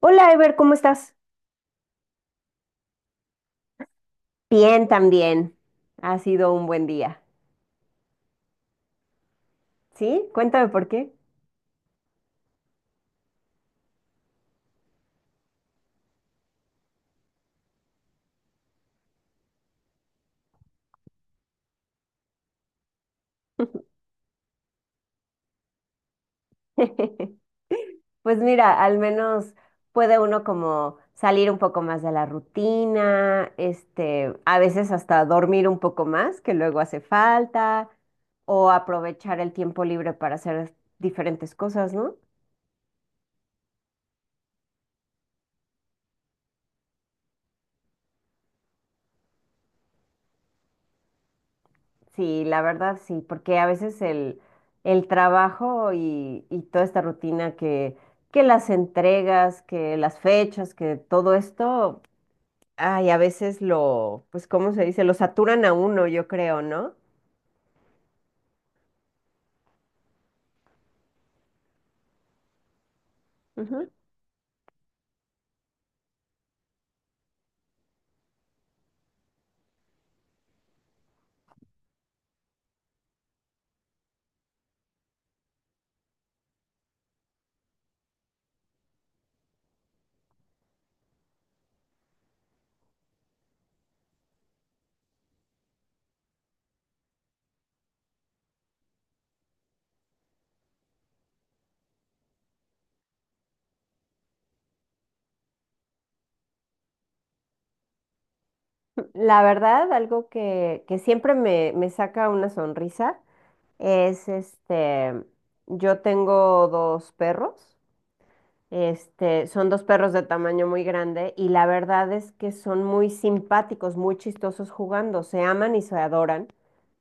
Hola, Ever, ¿cómo estás? Bien, también. Ha sido un buen día. ¿Sí? Cuéntame por qué. Pues mira, al menos puede uno como salir un poco más de la rutina, a veces hasta dormir un poco más, que luego hace falta, o aprovechar el tiempo libre para hacer diferentes cosas, ¿no? Sí, la verdad sí, porque a veces el trabajo y toda esta rutina que las entregas, que las fechas, que todo esto, ay, a veces lo, pues, ¿cómo se dice? Lo saturan a uno, yo creo, ¿no? Ujú. La verdad, algo que siempre me saca una sonrisa es yo tengo dos perros. Son dos perros de tamaño muy grande y la verdad es que son muy simpáticos, muy chistosos jugando, se aman y se adoran.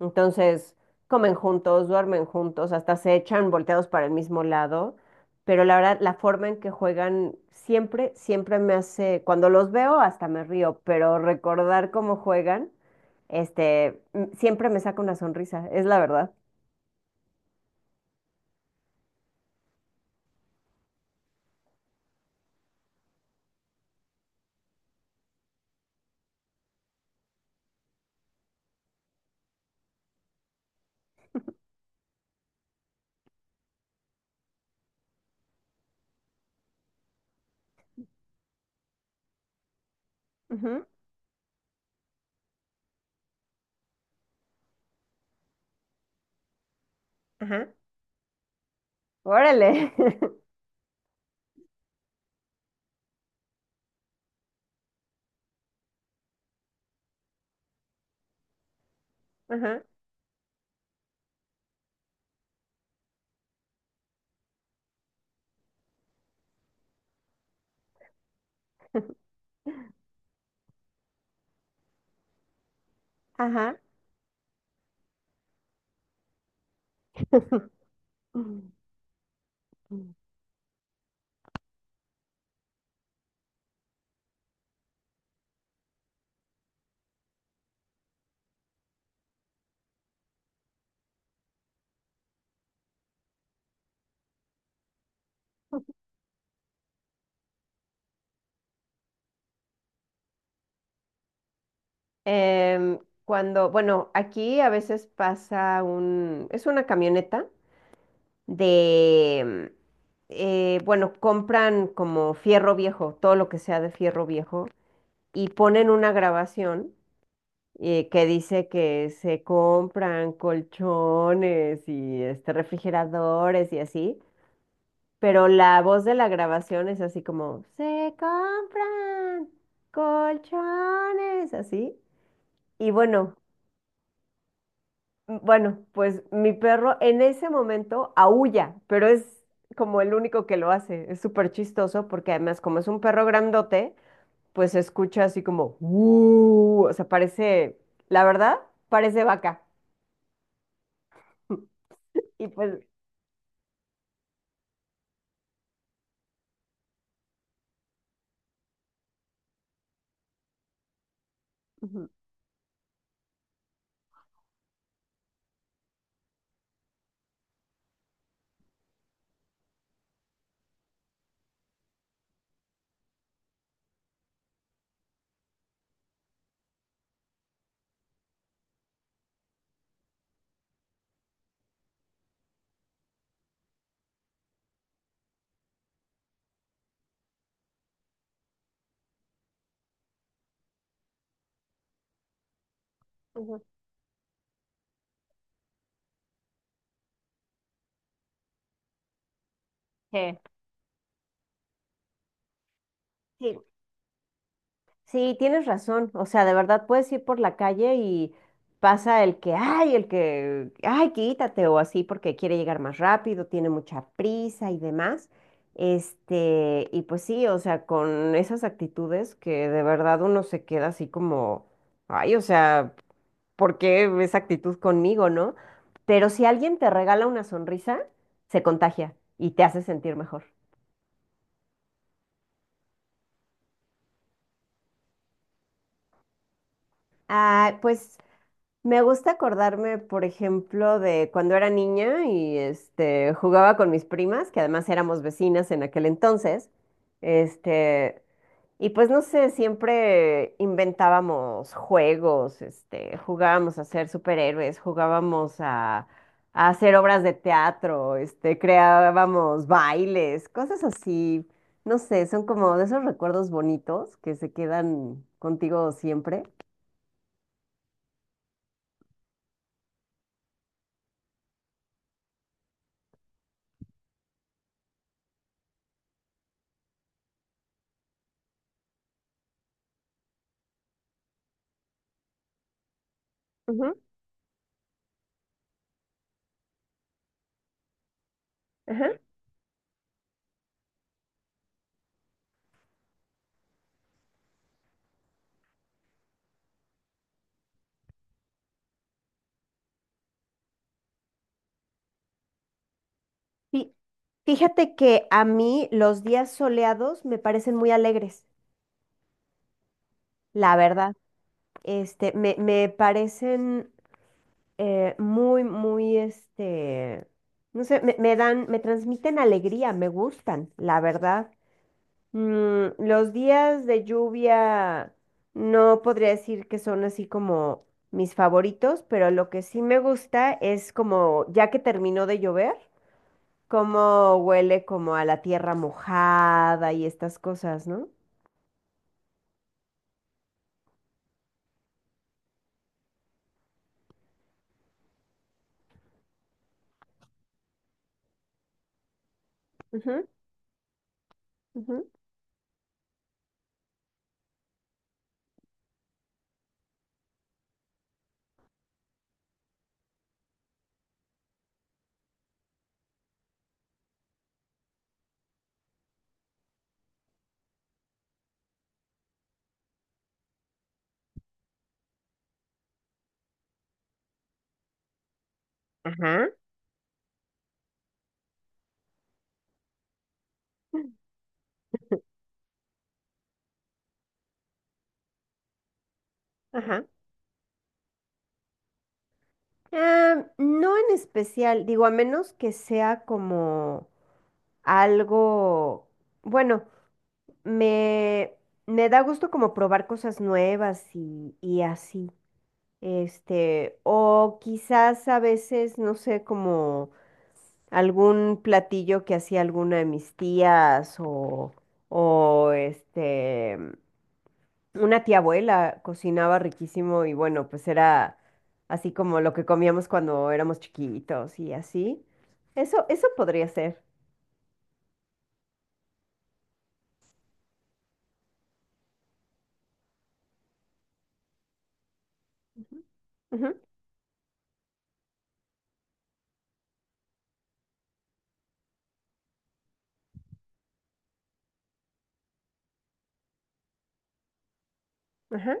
Entonces, comen juntos, duermen juntos, hasta se echan volteados para el mismo lado. Pero la verdad, la forma en que juegan siempre, siempre me hace, cuando los veo hasta me río, pero recordar cómo juegan, siempre me saca una sonrisa, es la verdad. Ujú. Ajá. Órale. Ajá. Ajá. Em, Cuando, bueno, aquí a veces pasa un, es una camioneta de, bueno, compran como fierro viejo, todo lo que sea de fierro viejo, y ponen una grabación que dice que se compran colchones y refrigeradores y así, pero la voz de la grabación es así como, se compran colchones, así. Y bueno. Bueno, pues mi perro en ese momento aúlla, pero es como el único que lo hace. Es súper chistoso porque además como es un perro grandote, pues se escucha así como, o sea, parece, la verdad, parece vaca. Y pues, ujú, ujú, sí. Sí. Sí, tienes razón. O sea, de verdad puedes ir por la calle y pasa el que, ay, quítate o así porque quiere llegar más rápido, tiene mucha prisa y demás. Y pues sí, o sea, con esas actitudes que de verdad uno se queda así como, ay, o sea, ¿por qué esa actitud conmigo, no? Pero si alguien te regala una sonrisa, se contagia y te hace sentir mejor. Ah, pues me gusta acordarme, por ejemplo, de cuando era niña y jugaba con mis primas, que además éramos vecinas en aquel entonces. Este, y pues no sé, siempre inventábamos juegos, jugábamos a ser superhéroes, jugábamos a hacer obras de teatro, creábamos bailes, cosas así. No sé, son como de esos recuerdos bonitos que se quedan contigo siempre. Ujú. Ajá. Fí- Fíjate que a mí los días soleados me parecen muy alegres, la verdad. Me parecen muy, muy, no sé, me dan, me transmiten alegría, me gustan, la verdad. Los días de lluvia no podría decir que son así como mis favoritos, pero lo que sí me gusta es como ya que terminó de llover, cómo huele como a la tierra mojada y estas cosas, ¿no? Ujú, ujú. Ajá, ajá. Ah, no en especial, digo, a menos que sea como algo, bueno, me, me da gusto como probar cosas nuevas y así. O quizás a veces, no sé, como algún platillo que hacía alguna de mis tías o una tía abuela cocinaba riquísimo y bueno, pues era así como lo que comíamos cuando éramos chiquitos y así. Eso podría ser. Ujú. Ajá,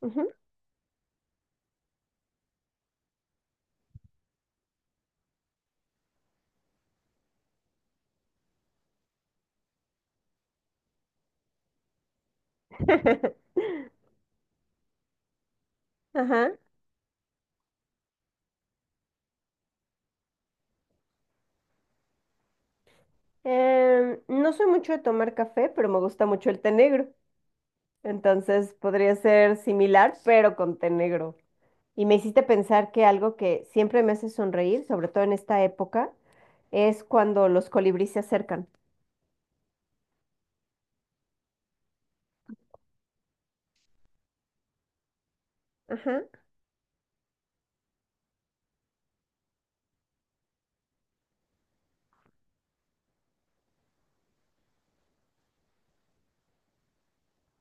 ujú. Ajá. No soy mucho de tomar café, pero me gusta mucho el té negro. Entonces podría ser similar, pero con té negro. Y me hiciste pensar que algo que siempre me hace sonreír, sobre todo en esta época, es cuando los colibríes se acercan. Ajá.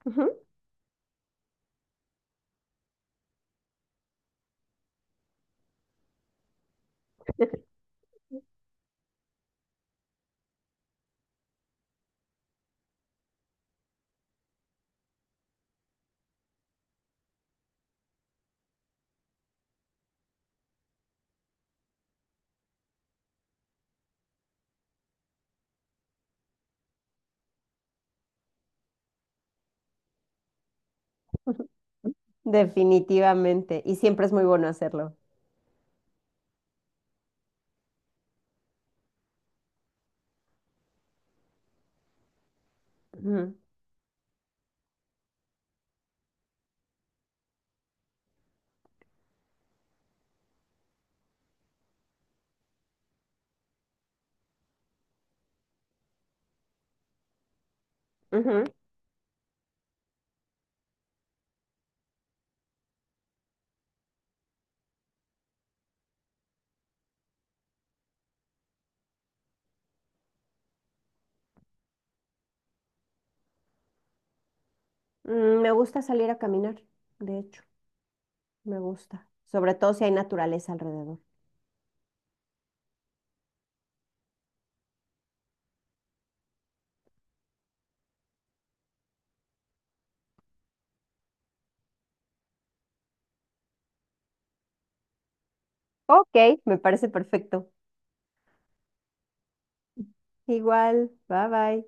Ujú. Definitivamente. Y siempre es muy bueno hacerlo. Ujú, ujú. Me gusta salir a caminar, de hecho, me gusta. Sobre todo si hay naturaleza alrededor. Ok, me parece perfecto. Igual, bye bye.